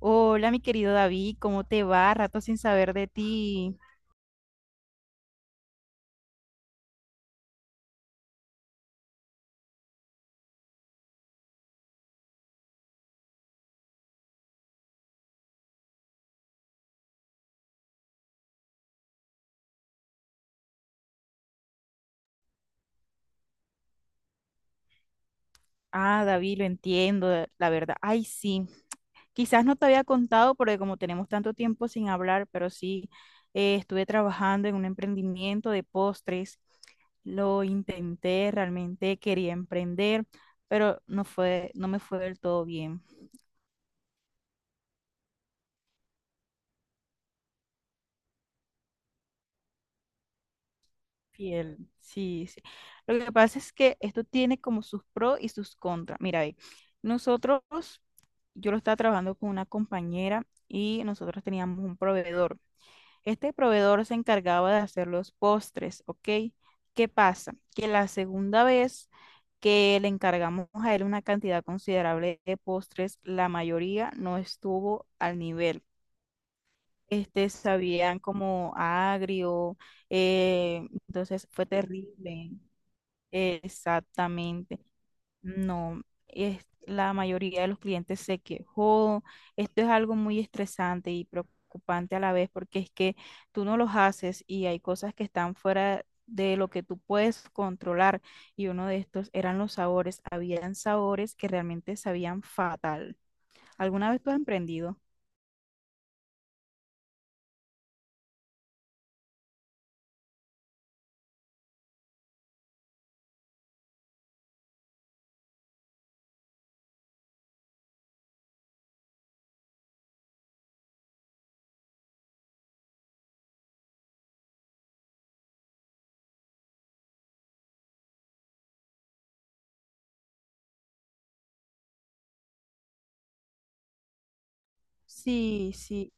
Hola, mi querido David, ¿cómo te va? Rato sin saber de ti. Ah, David, lo entiendo, la verdad. Ay, sí. Quizás no te había contado porque como tenemos tanto tiempo sin hablar, pero sí, estuve trabajando en un emprendimiento de postres. Lo intenté, realmente quería emprender, pero no me fue del todo bien. Fiel, sí, sí. Lo que pasa es que esto tiene como sus pros y sus contras. Mira, ve, nosotros, yo lo estaba trabajando con una compañera y nosotros teníamos un proveedor. Este proveedor se encargaba de hacer los postres, ¿ok? ¿Qué pasa? Que la segunda vez que le encargamos a él una cantidad considerable de postres, la mayoría no estuvo al nivel. Este sabían como a agrio, entonces fue terrible. Exactamente. No, es, la mayoría de los clientes se quejó. Esto es algo muy estresante y preocupante a la vez porque es que tú no los haces y hay cosas que están fuera de lo que tú puedes controlar. Y uno de estos eran los sabores. Habían sabores que realmente sabían fatal. ¿Alguna vez tú has emprendido? Sí, sí.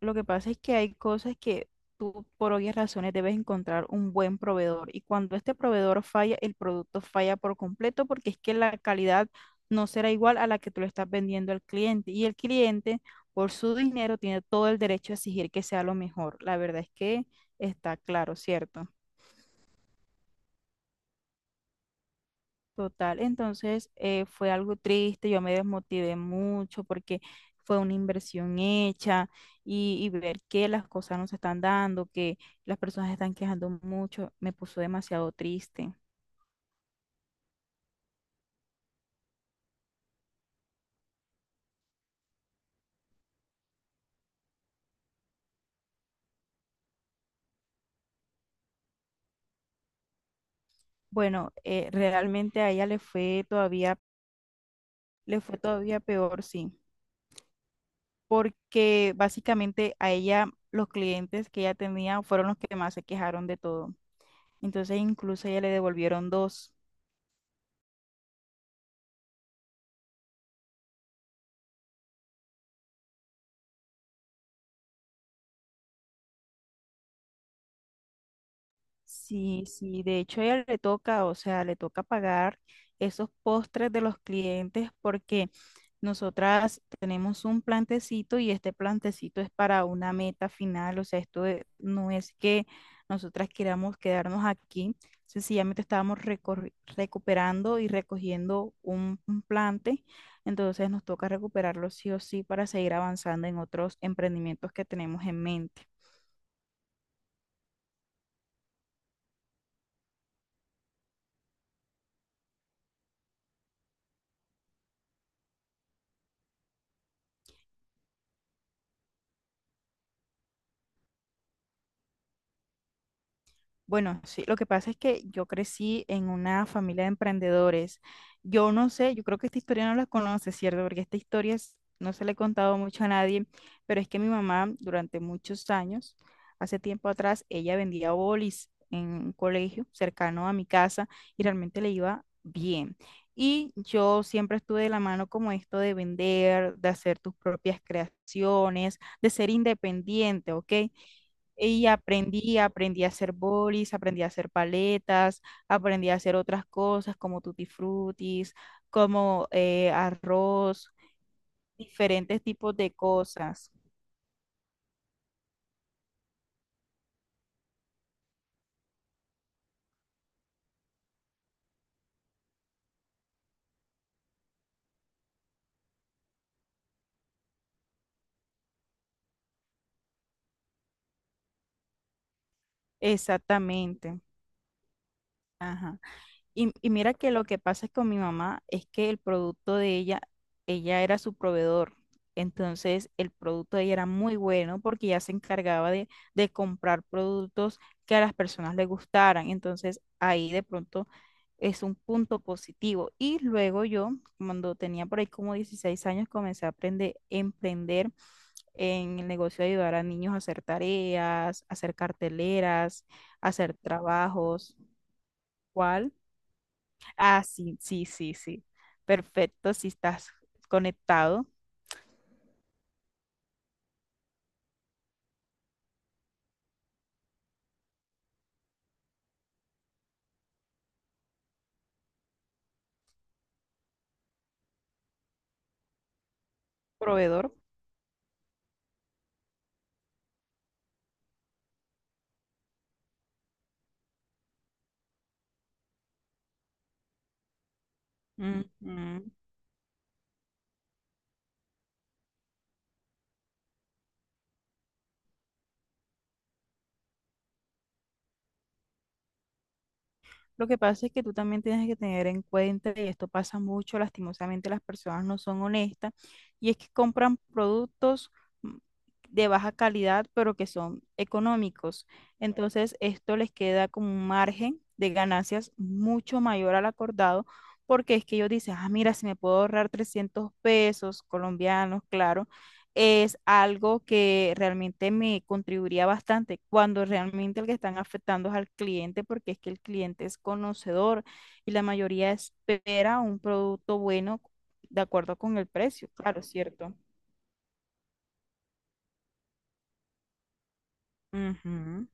Lo que pasa es que hay cosas que tú por obvias razones debes encontrar un buen proveedor y cuando este proveedor falla, el producto falla por completo porque es que la calidad no será igual a la que tú le estás vendiendo al cliente y el cliente por su dinero tiene todo el derecho a exigir que sea lo mejor. La verdad es que está claro, ¿cierto? Total, entonces fue algo triste, yo me desmotivé mucho porque fue una inversión hecha y ver que las cosas no se están dando, que las personas se están quejando mucho, me puso demasiado triste. Bueno, realmente a ella le fue todavía peor, sí, porque básicamente a ella los clientes que ella tenía fueron los que más se quejaron de todo. Entonces incluso a ella le devolvieron dos. Sí, sí, de hecho a ella le toca, o sea, le toca pagar esos postres de los clientes porque nosotras tenemos un plantecito y este plantecito es para una meta final, o sea, no es que nosotras queramos quedarnos aquí, sencillamente estábamos recuperando y recogiendo un plante, entonces nos toca recuperarlo sí o sí para seguir avanzando en otros emprendimientos que tenemos en mente. Bueno, sí, lo que pasa es que yo crecí en una familia de emprendedores. Yo no sé, yo creo que esta historia no la conoces, ¿cierto? Porque no se la he contado mucho a nadie, pero es que mi mamá durante muchos años, hace tiempo atrás, ella vendía bolis en un colegio cercano a mi casa y realmente le iba bien. Y yo siempre estuve de la mano como esto de vender, de hacer tus propias creaciones, de ser independiente, ¿ok? Y aprendí, aprendí a hacer bolis, aprendí a hacer paletas, aprendí a hacer otras cosas como tutti frutis, como arroz, diferentes tipos de cosas. Exactamente. Ajá. Y mira que lo que pasa es con mi mamá es que el producto de ella, ella era su proveedor. Entonces el producto de ella era muy bueno porque ella se encargaba de comprar productos que a las personas les gustaran. Entonces ahí de pronto es un punto positivo. Y luego yo, cuando tenía por ahí como 16 años, comencé a aprender, emprender en el negocio de ayudar a niños a hacer tareas, hacer carteleras, hacer trabajos. ¿Cuál? Ah, sí, sí, sí, sí. Perfecto, si estás conectado, proveedor. Ujú. Lo que pasa es que tú también tienes que tener en cuenta, y esto pasa mucho, lastimosamente las personas no son honestas, y es que compran productos mm, de baja calidad, pero que son económicos. Entonces, esto les queda como un margen de ganancias mucho mayor al acordado, porque es que ellos dicen, ah, mira, si me puedo ahorrar 300 pesos colombianos, claro, es algo que realmente me contribuiría bastante cuando realmente el que están afectando es al cliente, porque es que el cliente es conocedor y la mayoría espera un producto bueno de acuerdo con el precio, claro, cierto. Ujú.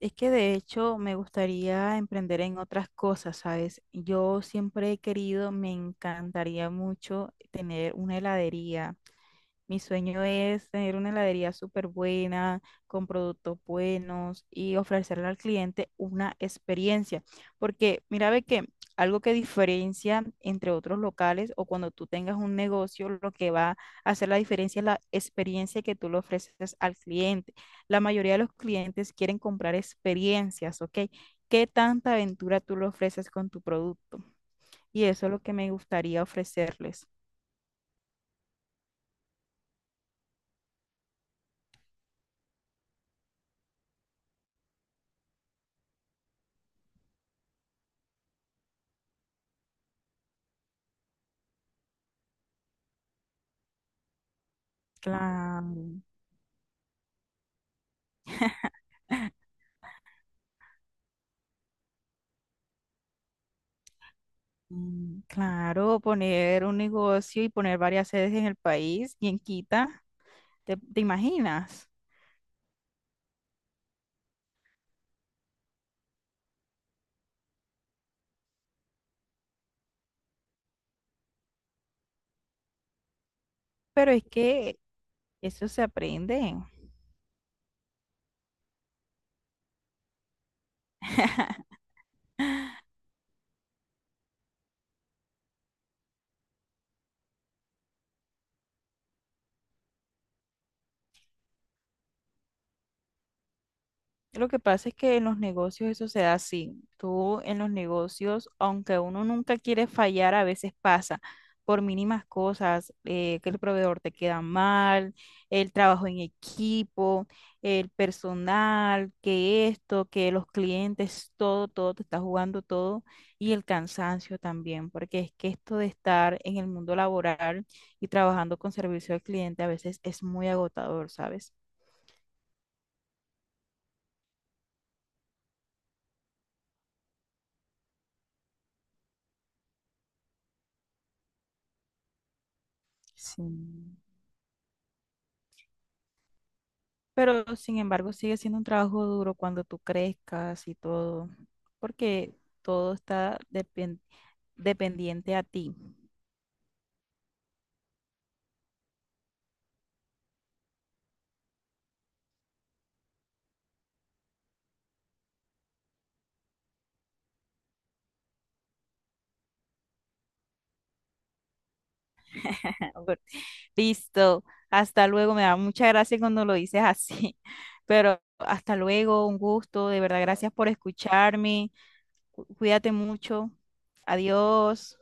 Es que de hecho me gustaría emprender en otras cosas, ¿sabes? Yo siempre he querido, me encantaría mucho tener una heladería. Mi sueño es tener una heladería súper buena, con productos buenos y ofrecerle al cliente una experiencia. Porque mira, ve que algo que diferencia entre otros locales o cuando tú tengas un negocio, lo que va a hacer la diferencia es la experiencia que tú le ofreces al cliente. La mayoría de los clientes quieren comprar experiencias, ¿ok? ¿Qué tanta aventura tú le ofreces con tu producto? Y eso es lo que me gustaría ofrecerles. Claro. Mm, claro, poner un negocio y poner varias sedes en el país y en Quita, ¿te, te imaginas? Pero es que eso se aprende. Lo que pasa es que en los negocios eso se da así. Tú en los negocios, aunque uno nunca quiere fallar, a veces pasa por mínimas cosas, que el proveedor te queda mal, el trabajo en equipo, el personal, que esto, que los clientes, todo, todo, te está jugando todo y el cansancio también, porque es que esto de estar en el mundo laboral y trabajando con servicio al cliente a veces es muy agotador, ¿sabes? Sí. Pero sin embargo, sigue siendo un trabajo duro cuando tú crezcas y todo, porque todo está dependiente a ti. Por- Listo, hasta luego, me da mucha gracia cuando lo dices así, pero hasta luego, un gusto, de verdad, gracias por escucharme, cuídate mucho, adiós.